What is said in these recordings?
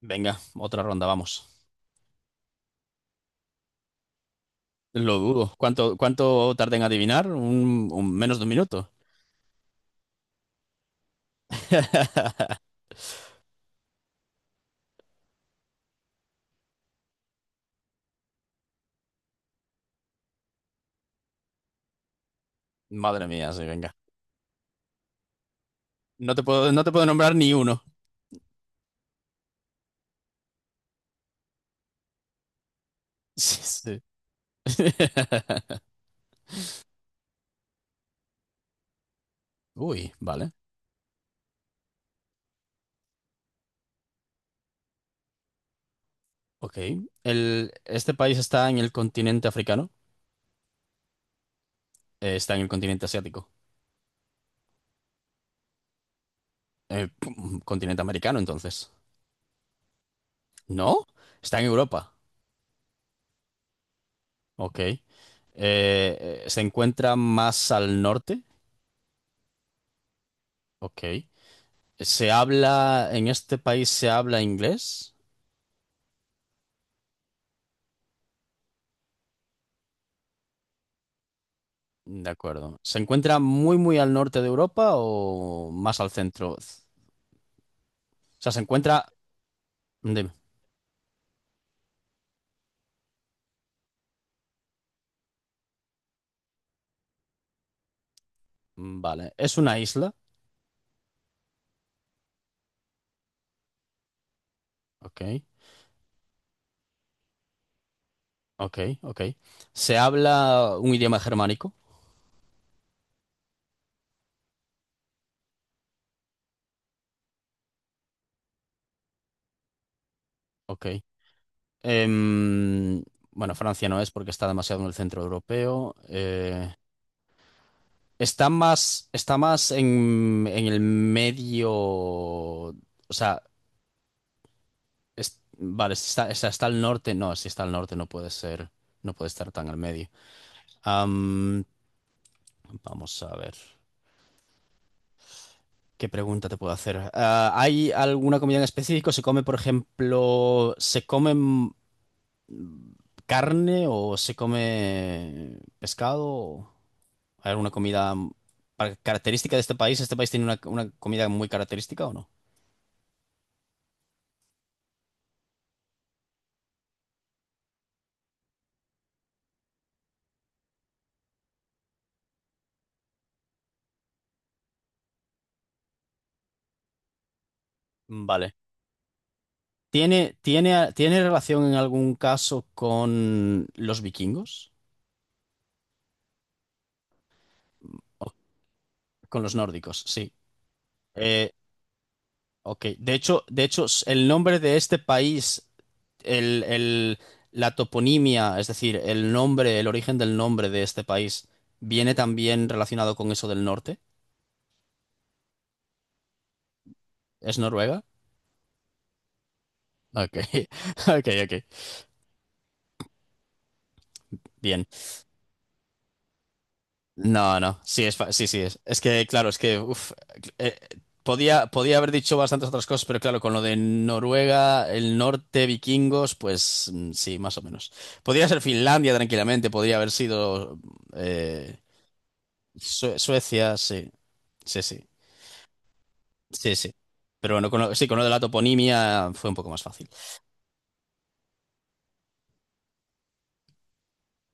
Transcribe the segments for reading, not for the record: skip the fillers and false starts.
Venga, otra ronda, vamos. Lo dudo. ¿Cuánto tarda en adivinar? Menos de un minuto. Madre mía, sí, venga. No te puedo nombrar ni uno. Sí, sí. Uy, vale. Ok. Este país está en el continente africano. Está en el continente asiático. Pum, continente americano, entonces. ¿No? Está en Europa. Ok. Se encuentra más al norte. Ok. ¿Se habla, en este país se habla inglés? De acuerdo. ¿Se encuentra muy al norte de Europa o más al centro? O sea, se encuentra… dime. Vale. ¿Es una isla? Ok, ok, ok. ¿Se habla un idioma germánico? Ok. Em, bueno, Francia no es porque está demasiado en el centro europeo. Está más, está más en el medio… O sea, vale, si está, está, está al norte. No, si está al norte no puede ser, no puede estar tan al medio. Vamos a ver. ¿Qué pregunta te puedo hacer? Ah, ¿hay alguna comida en específico? ¿Se come, por ejemplo, se come carne o se come pescado? ¿Hay alguna comida característica de este país? ¿Este país tiene una comida muy característica o no? Vale. ¿Tiene relación en algún caso con los vikingos? ¿O con los nórdicos? Sí. Eh, Ok, el nombre de este país, el, el- la toponimia, es decir, el nombre, el origen del nombre de este país, viene también relacionado con eso del norte. ¿Es Noruega? Ok, ok, ok. Bien. No, no, sí, sí, sí, es que, claro, es que, uf, eh, podía, podía haber dicho bastantes otras cosas, pero claro, con lo de Noruega, el norte, vikingos, pues sí, más o menos. Podría ser Finlandia tranquilamente, podría haber sido… eh, Suecia, sí, sí, sí, sí, sí. Pero bueno, con lo, sí, con lo de la toponimia fue un poco más fácil.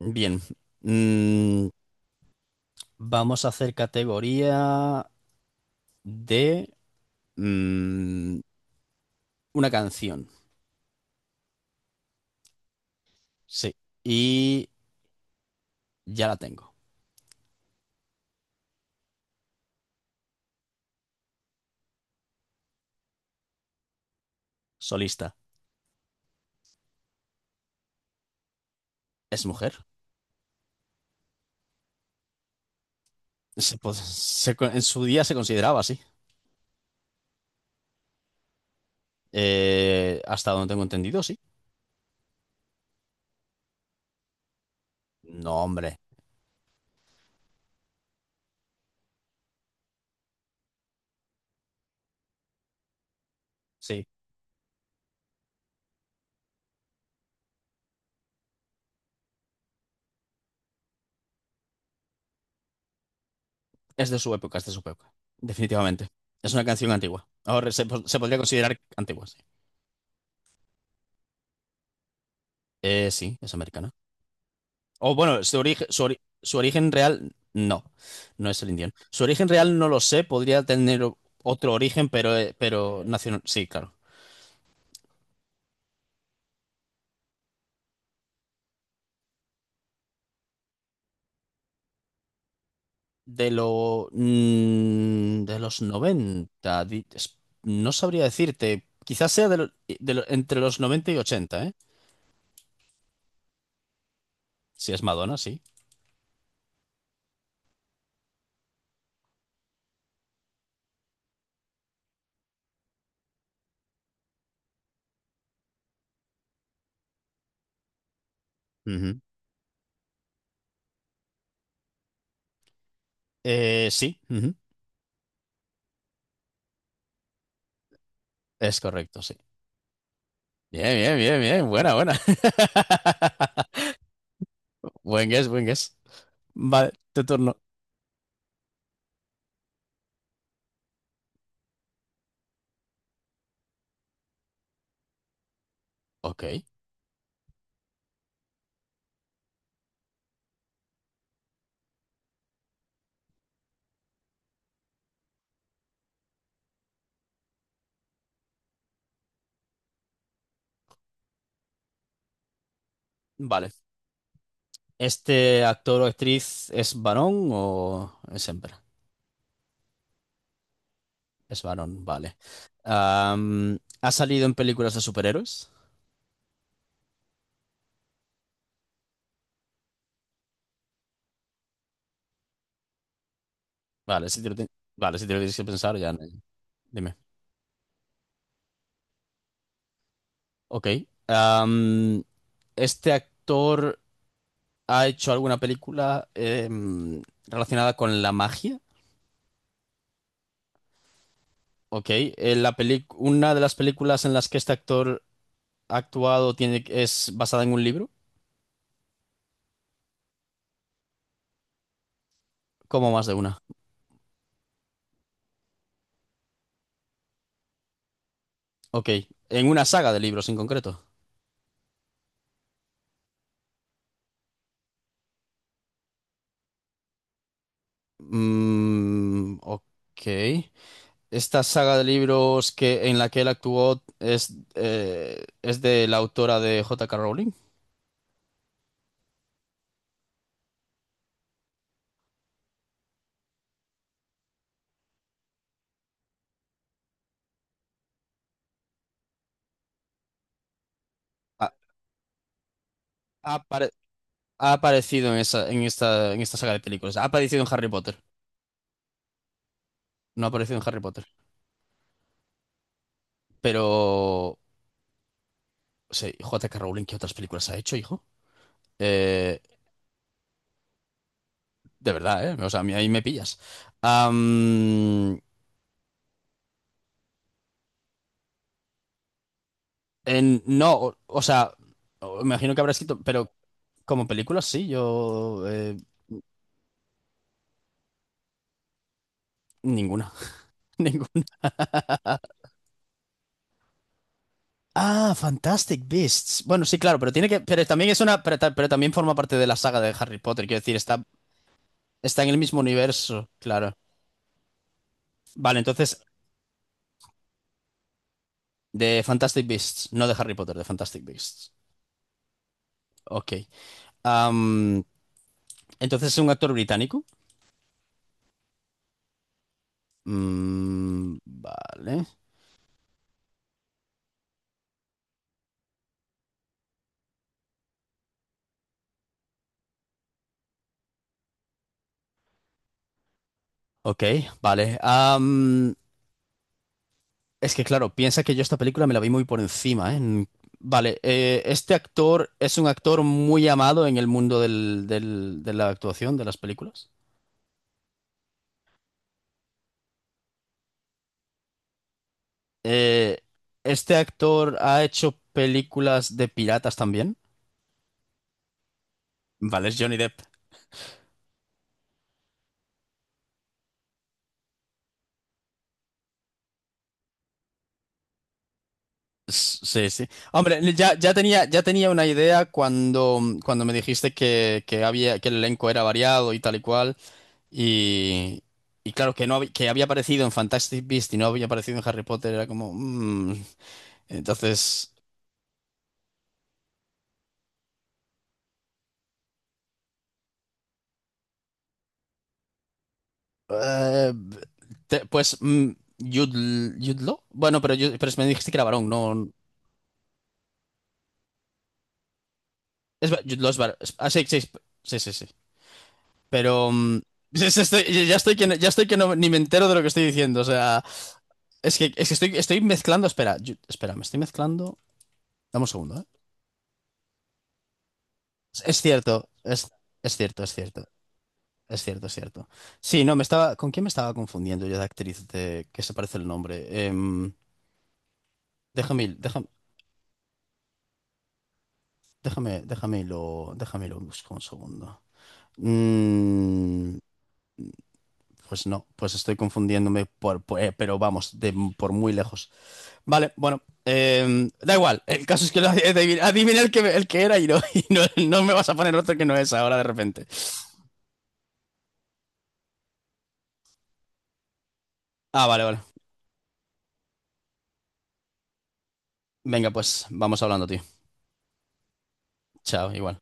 Bien, mm, vamos a hacer categoría de mm, una canción, sí. Y ya la tengo. Solista. ¿Es mujer? Se po- se co- En su día se consideraba así. Hasta donde tengo entendido, sí. No, hombre. Sí. Es de su época. Definitivamente. Es una canción antigua. Se podría considerar antigua, sí. Sí, es americana. O bueno, su origen real, no, no es el indiano. Su origen real no lo sé, otro origen, pero nacional, sí, claro. De los 90. No sabría decirte, quizás sea entre los 90 y 80, ¿eh? Si es Madonna, sí. Ujú. Sí, ujú. Es correcto, sí. Bien, bien, bien, bien, buena, buena. Buen guess, buen guess. Vale, tu turno. Ok. Vale. ¿Este actor o actriz es varón o es hembra? Es varón, vale. ¿Ha salido en películas de superhéroes? Vale, si te lo, ti- vale, si te lo tienes que pensar, ya. Dime. Ok. Am, ¿Este actor ha hecho alguna película relacionada con la magia? Ok. ¿Una de las películas en las que este actor ha actuado tiene, es basada en un libro? ¿Como más de una? Ok. ¿En una saga de libros en concreto? Ok. Esta saga de libros que, en la que él actuó es de la autora de J. K. Rowling. Ha, ha apare- ha aparecido en esta saga de películas. Ha aparecido en Harry Potter. No ha aparecido en Harry Potter. Pero, sí, J. K. Rowling, ¿qué otras películas ha hecho, hijo? Eh, de verdad, ¿eh? O sea, a mí ahí me pillas. Am, no, o sea, imagino que habrá escrito, pero como películas sí, yo… Ninguna. Ningún- Ah, Fantastic Beasts. Bueno, sí, claro, pero tiene que. Pero también es una. Pero también forma parte de la saga de Harry Potter. Quiero decir, está en el mismo universo. Claro. Vale, entonces, de Fantastic Beasts, no de Harry Potter, de Fantastic Beasts. Ok. Am, entonces es un actor británico. Vale. Ok, vale. Es que claro, piensa que yo esta película me la vi muy por encima, ¿eh? Vale, este actor es un actor muy amado en el mundo de la actuación, de las películas. Eh, este actor ha hecho películas de piratas también. Vale, es Johnny Depp. Sí, sí. Hombre, ya tenía una idea cuando, cuando me dijiste que había, que el elenco era variado y tal y cual. Y, y claro, que no hab- que había aparecido en Fantastic Beasts y no había aparecido en Harry Potter, era como. Mm. Entonces, eh, pues mm, Jude Law. Bueno, pero, pero me dijiste que era varón, no. Jude Law es varón. Ah, sí, sí, sí, sí, sí. Pero ya estoy, ya estoy que, ya estoy que ni me entero de lo que estoy diciendo. O sea, es que estoy, estoy mezclando. Espera, me estoy mezclando. Dame un segundo, ¿eh? Es cierto, es, es cierto, es cierto. Es cierto, es cierto. Sí, no, me estaba. ¿Con quién me estaba confundiendo yo de actriz de que se parece el nombre? Em, déjame. Déjame déjame lo busco un segundo. Mm, pues no, pues estoy confundiéndome pero vamos, por muy lejos. Vale, bueno, da igual. El caso es que lo adiviné, adiviné el que era y, no, y no, no me vas a poner otro que no es ahora de repente. Ah, vale, vale. Venga, pues vamos hablando, tío. Chao, igual.